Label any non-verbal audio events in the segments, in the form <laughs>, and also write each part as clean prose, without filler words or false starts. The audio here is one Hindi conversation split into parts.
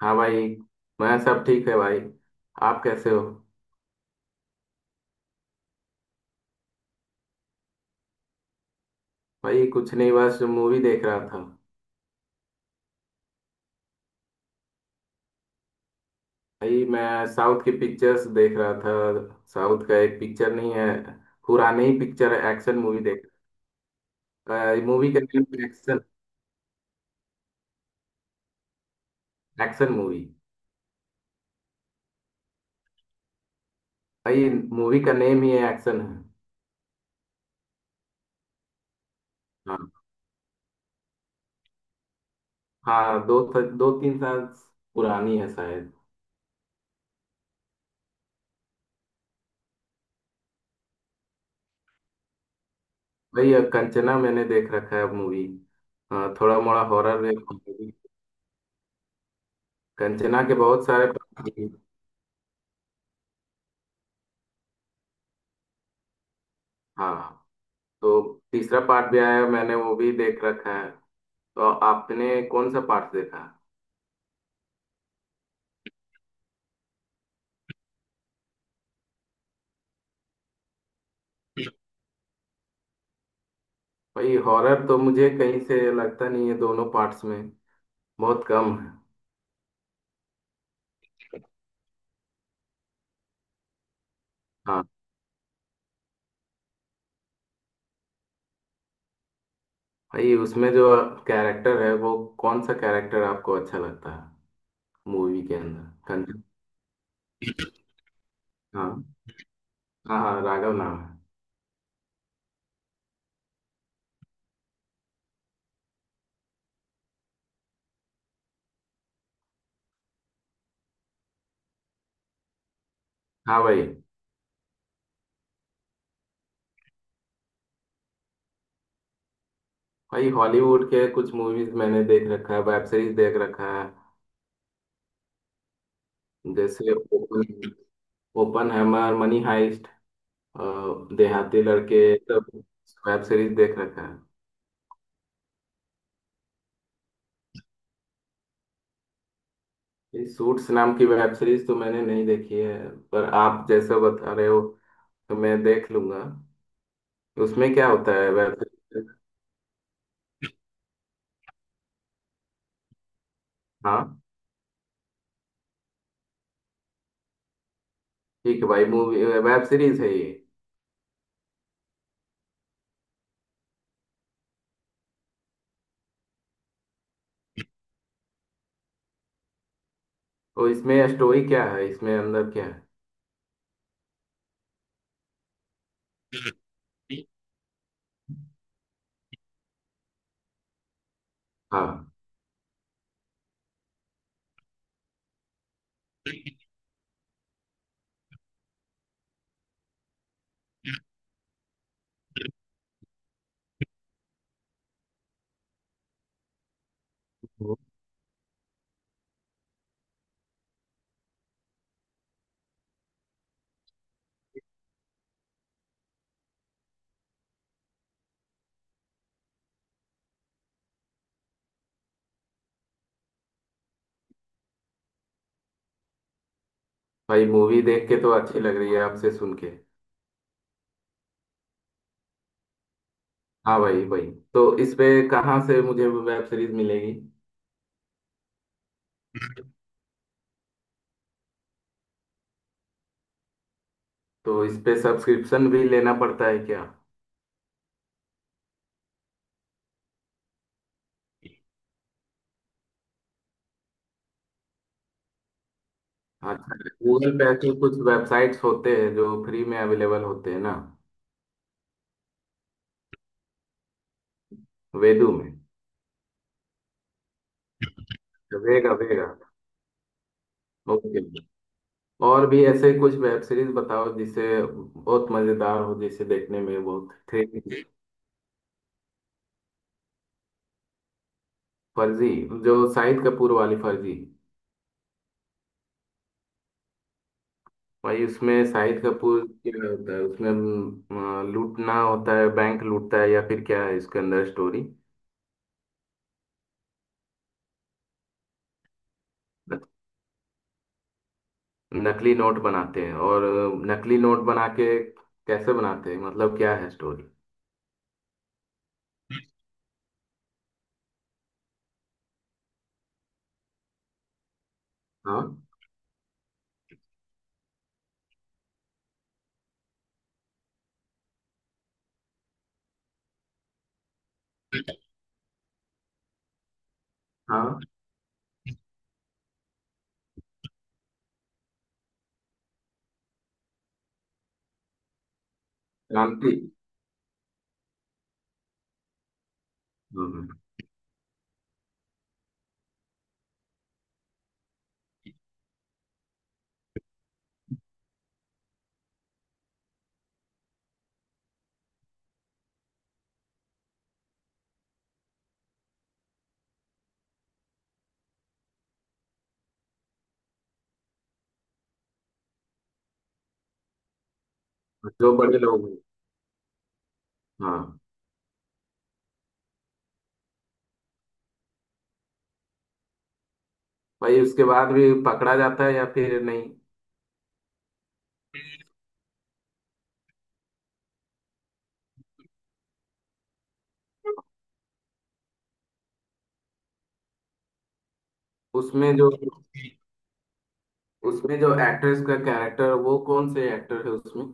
हाँ भाई। मैं सब ठीक है भाई। आप कैसे हो? भाई कुछ नहीं, बस मूवी देख रहा था। भाई मैं साउथ की पिक्चर्स देख रहा था। साउथ का एक पिक्चर नहीं है, पुरानी ही पिक्चर है, एक्शन मूवी देख। मूवी का नेम एक्शन। Action movie. भाई मूवी का नेम ही है, एक्शन है। हाँ। हाँ, दो दो तीन साल पुरानी है शायद। भाई कंचना मैंने देख रखा है मूवी। थोड़ा मोड़ा हॉरर है। कंचना के बहुत सारे पार्ट हैं। हाँ, तो तीसरा पार्ट भी आया, मैंने वो भी देख रखा है। तो आपने कौन सा पार्ट देखा? भाई हॉरर तो मुझे कहीं से लगता नहीं है दोनों पार्ट्स में, बहुत कम है। हाँ। भाई उसमें जो कैरेक्टर है वो, कौन सा कैरेक्टर आपको अच्छा लगता है मूवी के अंदर? कंचन। हाँ। हाँ हाँ, राघव नाम है। हाँ भाई। भाई हॉलीवुड के कुछ मूवीज मैंने देख रखा है, वेब सीरीज देख रखा है। जैसे open, open hammer, money heist, अ, देहाती लड़के, सब वेब सीरीज देख रखा है। ये सूट्स नाम की वेब सीरीज तो मैंने नहीं देखी है, पर आप जैसा बता रहे हो तो मैं देख लूंगा। उसमें क्या होता है वेब सीरीज? हाँ। ठीक है भाई, मूवी वेब सीरीज है ये? तो इसमें स्टोरी क्या है, इसमें अंदर क्या है? हाँ भाई, मूवी देख के तो अच्छी लग रही है आपसे सुन के। हाँ भाई भाई। तो इस पे कहाँ से मुझे वेब सीरीज मिलेगी? तो इस पे सब्सक्रिप्शन भी लेना पड़ता है क्या? अच्छा, गूगल पे ऐसे कुछ वेबसाइट्स होते हैं जो फ्री में अवेलेबल होते हैं ना। वेदू में। तो वेगा वेगा। ओके। और भी ऐसे कुछ वेब सीरीज बताओ जिसे बहुत मजेदार हो, जिसे देखने में बहुत थ्रिल। फर्जी, जो शाहिद कपूर वाली फर्जी? भाई उसमें शाहिद कपूर, क्या होता है उसमें, लूटना होता है, बैंक लूटता है या फिर क्या है इसके अंदर स्टोरी? नकली नोट बनाते हैं और नकली नोट बना के कैसे बनाते हैं, मतलब क्या है स्टोरी? हाँ। हाँ, क्रांति। हम्म। जो बड़े बिल्कुल लोग हैं। हाँ भाई। उसके बाद भी पकड़ा जाता है या फिर नहीं? उसमें जो उसमें जो एक्ट्रेस का कैरेक्टर, वो कौन से एक्टर है उसमें?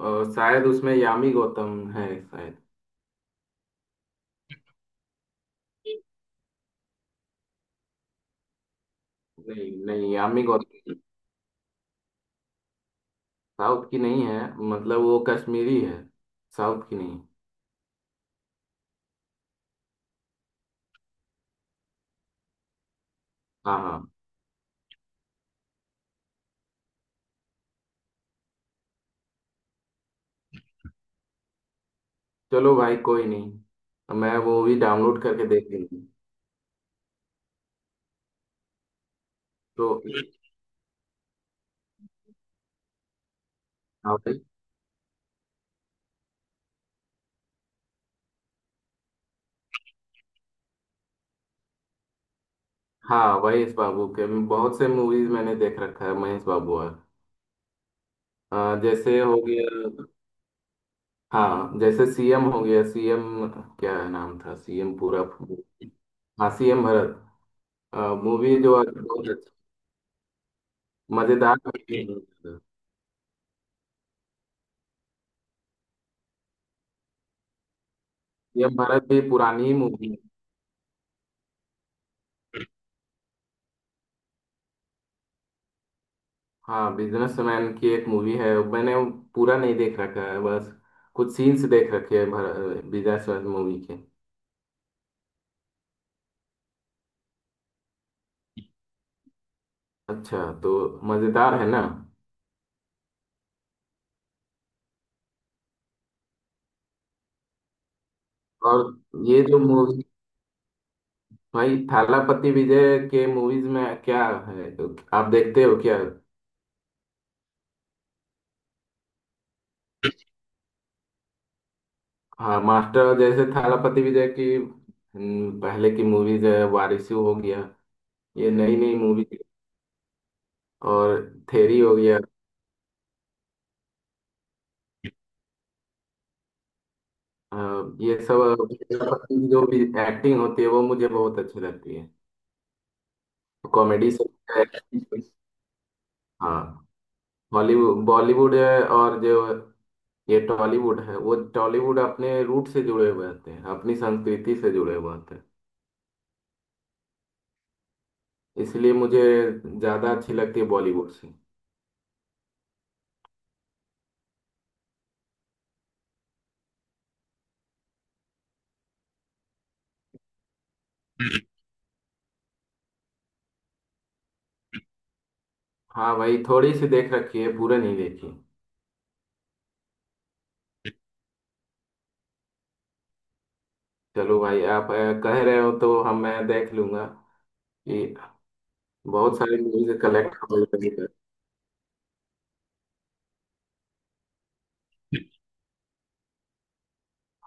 शायद उसमें यामी गौतम है शायद। नहीं नहीं, यामी गौतम साउथ की नहीं है, मतलब वो कश्मीरी है, साउथ की नहीं। हाँ हाँ। चलो भाई कोई नहीं, मैं वो भी डाउनलोड करके देख लूंगी। तो हाँ भाई। हाँ, महेश बाबू के बहुत से मूवीज मैंने देख रखा है, महेश बाबू और अ, जैसे हो गया। हाँ, जैसे सीएम हो गया, सीएम क्या नाम था सीएम पूरा? हाँ, सीएम भरत। मूवी जो आज बहुत अच्छा मजेदार movie है। सीएम भरत भी पुरानी ही मूवी है। हाँ, बिजनेसमैन की एक मूवी है, मैंने वो पूरा नहीं देख रखा है, बस कुछ सीन्स देख रखे हैं भर, बिजनेसमैन मूवी के। अच्छा, तो मजेदार है ना? और ये जो मूवी, भाई थालापति विजय के मूवीज में क्या है, आप देखते हो क्या? हाँ, मास्टर जैसे थालापति विजय की, पहले की मूवीज है, वारिसू हो गया, ये नई नई मूवी और थेरी हो गया। अ, ये सब थालापति की जो भी एक्टिंग होती है वो मुझे बहुत अच्छी लगती है, कॉमेडी से। <laughs> हाँ, हॉलीवुड बॉलीवुड है, और जो ये टॉलीवुड है, वो टॉलीवुड अपने रूट से जुड़े हुए होते हैं, अपनी संस्कृति से जुड़े हुए होते हैं, इसलिए मुझे ज्यादा अच्छी लगती है बॉलीवुड से। हाँ भाई, थोड़ी सी देख रखी है, पूरा नहीं देखी। चलो भाई, आप कह रहे हो, तो हम मैं देख लूंगा, कि बहुत सारी मूवीज कलेक्ट हो गई है।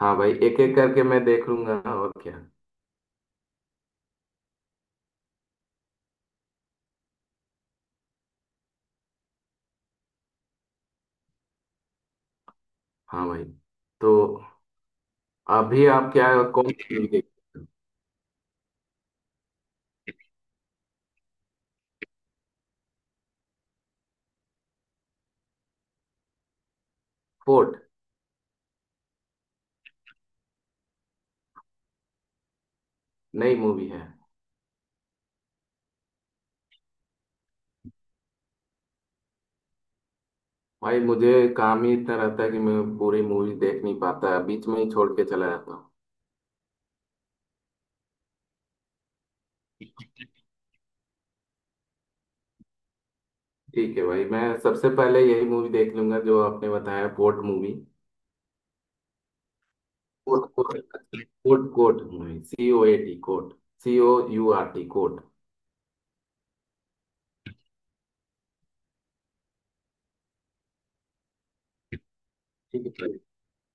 हाँ भाई, एक एक करके मैं देख लूंगा और क्या। हाँ भाई। तो अभी आप क्या, कौन सी मूवी देख रहे हो? फोर्ट नई मूवी है? भाई मुझे काम ही इतना रहता है कि मैं पूरी मूवी देख नहीं पाता, बीच में ही छोड़ के चला जाता हूँ। ठीक है भाई, मैं सबसे पहले यही मूवी देख लूंगा जो आपने बताया, fort movie. Coat coat. Coat coat movie, COAT coat. COURT coat. ठीक है भाई।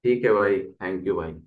ठीक है भाई, थैंक यू भाई।